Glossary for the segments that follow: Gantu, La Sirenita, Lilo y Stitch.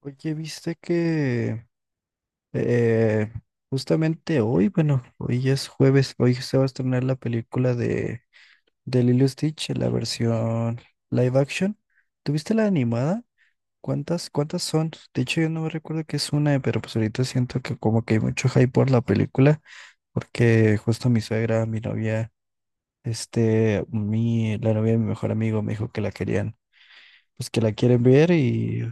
Oye, viste que eh, justamente hoy, bueno, hoy es jueves, hoy se va a estrenar la película de Lilo y Stitch, la versión live action. ¿Tuviste la animada? ¿Cuántas son? De hecho, yo no me recuerdo que es una, pero pues ahorita siento que como que hay mucho hype por la película, porque justo mi suegra, mi novia, la novia de mi mejor amigo me dijo que la querían, pues que la quieren ver y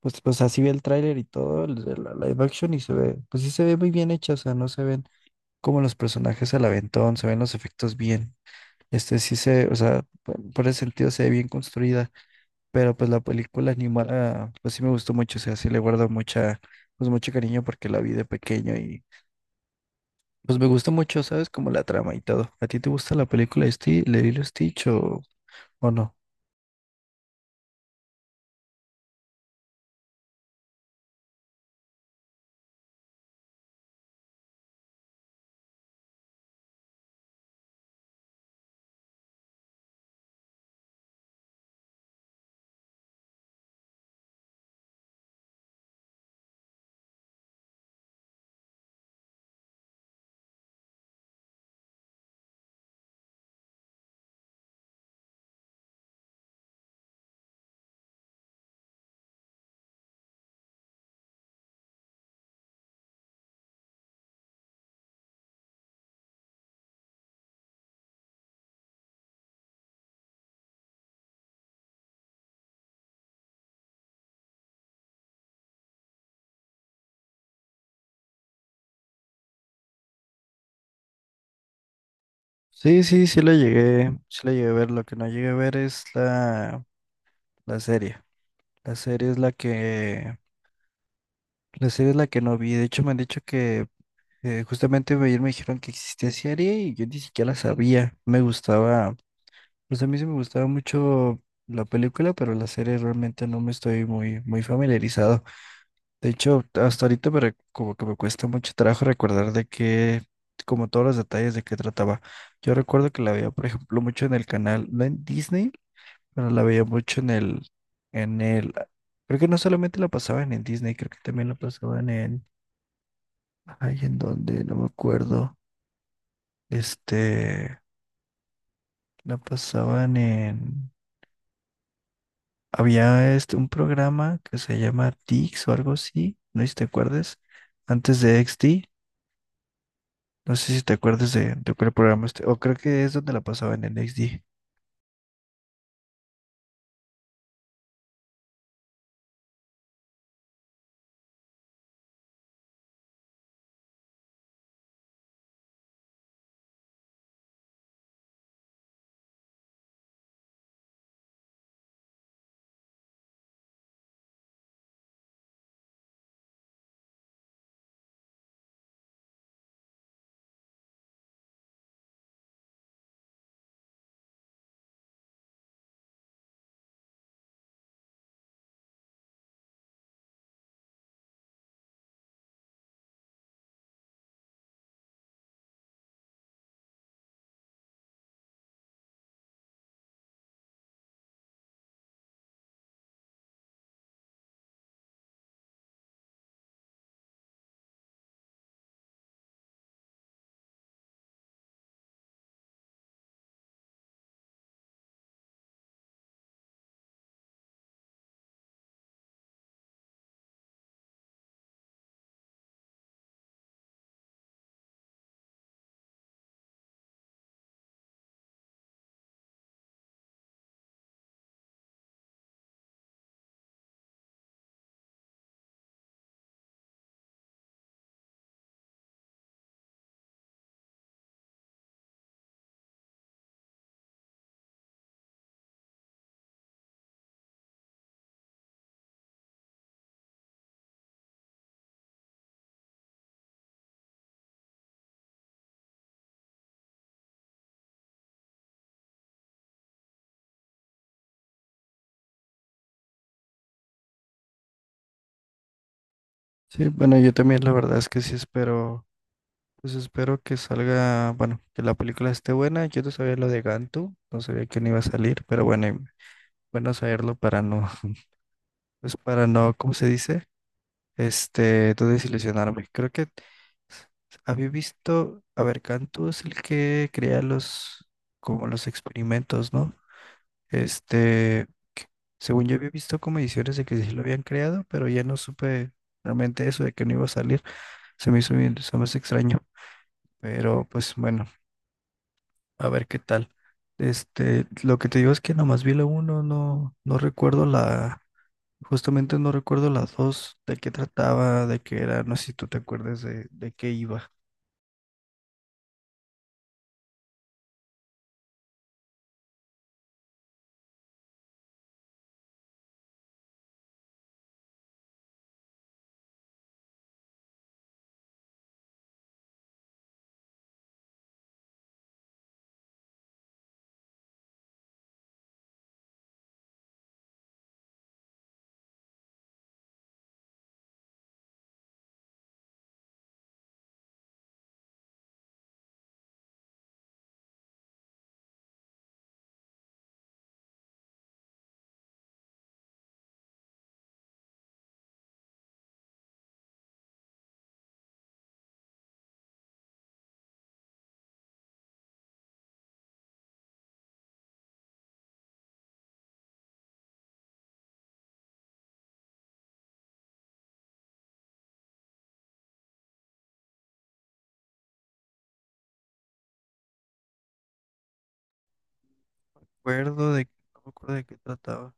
pues así vi el tráiler y todo, el de la live action y se ve, pues sí se ve muy bien hecha, o sea, no se ven como los personajes al aventón, se ven los efectos bien. O sea, por ese sentido se ve bien construida, pero pues la película animada, pues sí me gustó mucho, o sea, sí le guardo pues mucho cariño porque la vi de pequeño y pues me gustó mucho, ¿sabes? Como la trama y todo. ¿A ti te gusta la película de de Lilo y Stitch o no? Sí, sí, la llegué, sí la llegué a ver, lo que no llegué a ver es la serie. La serie es la que, la serie es la que no vi. De hecho, me han dicho que justamente ayer me dijeron que existía serie y yo ni siquiera la sabía. Me gustaba, pues a mí sí me gustaba mucho la película, pero la serie realmente no me estoy muy familiarizado. De hecho, hasta ahorita como que me cuesta mucho trabajo recordar de como todos los detalles de qué trataba. Yo recuerdo que la veía, por ejemplo, mucho en el canal, no en Disney, pero la veía mucho en el, creo que no solamente la pasaba en el Disney, creo que también la pasaban ay, en donde, no me acuerdo, este, la pasaban había un programa que se llama Dix o algo así, no sé si te acuerdas, antes de XD, no sé si te acuerdas de cuál programa o creo que es donde la pasaban en XD. Sí, bueno, yo también la verdad es que sí espero. Pues espero que salga, bueno, que la película esté buena. Yo no sabía lo de Gantu, no sabía quién iba a salir, pero bueno, y bueno saberlo para no, pues para no, ¿cómo se dice? No desilusionarme. Creo que había visto, a ver, Gantu es el que crea como los experimentos, ¿no? Este, según yo había visto como ediciones de que sí lo habían creado, pero ya no supe realmente eso de que no iba a salir. Se me hace extraño, pero pues bueno. A ver qué tal. Lo que te digo es que nomás vi la uno, no recuerdo justamente no recuerdo las dos, de qué trataba, de qué era, no sé si tú te acuerdas de qué iba. Recuerdo de, no me acuerdo de qué trataba.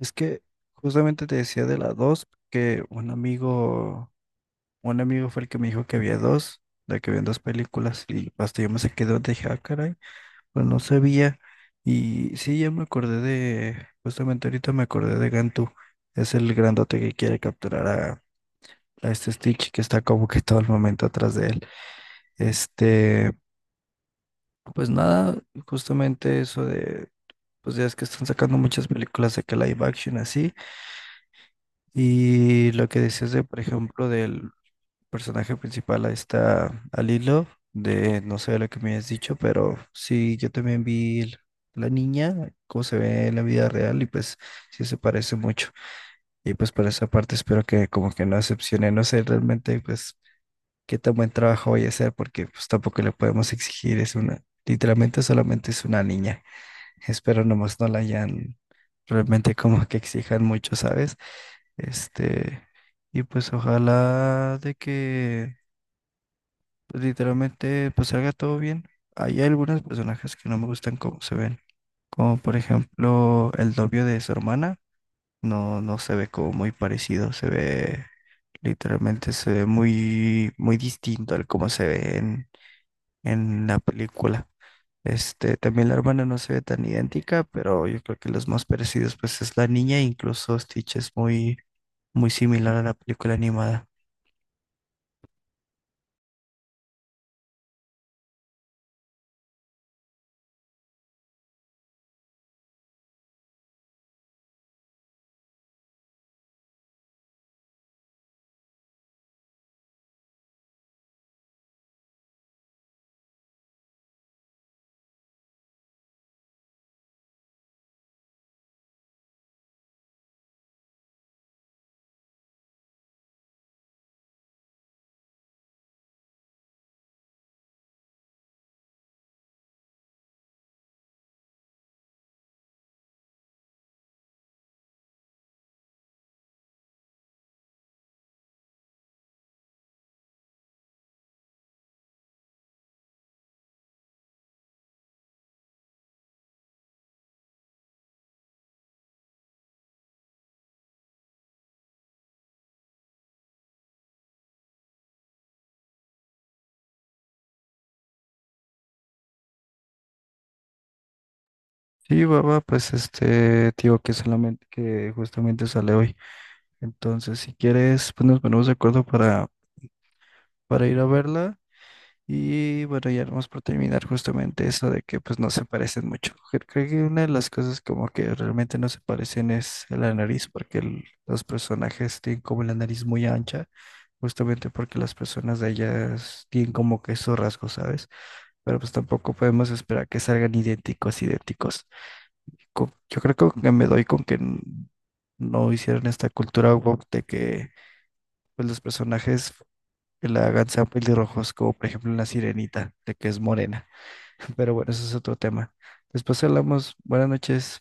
Es que justamente te decía de las dos, que un amigo fue el que me dijo que había dos, de que habían dos películas, y hasta yo me saqué de onda y dije, ah, caray. Pues no sabía. Y sí, ya me acordé justamente ahorita me acordé de Gantu. Es el grandote que quiere capturar a este Stitch que está como que todo el momento atrás de él. Este, pues nada, justamente eso de, pues ya es que están sacando muchas películas de que live action así. Y lo que decías de, por ejemplo, del personaje principal a esta, a Lilo, de no sé lo que me has dicho, pero sí, yo también la niña, cómo se ve en la vida real, y pues sí se parece mucho. Y pues por esa parte espero que como que no decepcione, no sé realmente pues qué tan buen trabajo voy a hacer, porque pues tampoco le podemos exigir, literalmente solamente es una niña. Espero nomás no la hayan realmente como que exijan mucho, ¿sabes? Este, y pues ojalá de que pues, literalmente pues salga todo bien. Hay algunos personajes que no me gustan cómo se ven, como por ejemplo el novio de su hermana, no se ve como muy parecido, se ve literalmente, se ve muy distinto al cómo se ve en la película. También la hermana no se ve tan idéntica, pero yo creo que los más parecidos pues es la niña, incluso Stitch es muy similar a la película animada. Sí, baba pues tío, que solamente, que justamente sale hoy. Entonces, si quieres, pues nos ponemos de acuerdo para ir a verla. Y bueno, ya vamos por terminar justamente eso de que pues no se parecen mucho. Creo que una de las cosas como que realmente no se parecen es la nariz, porque los personajes tienen como la nariz muy ancha, justamente porque las personas de ellas tienen como que esos rasgos, ¿sabes? Pero pues tampoco podemos esperar que salgan idénticos, idénticos. Yo creo que me doy con que no hicieron esta cultura woke de que pues los personajes que la hagan sean pelirrojos, como por ejemplo en La Sirenita, de que es morena. Pero bueno, eso es otro tema. Después hablamos. Buenas noches.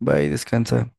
Bye, descansa.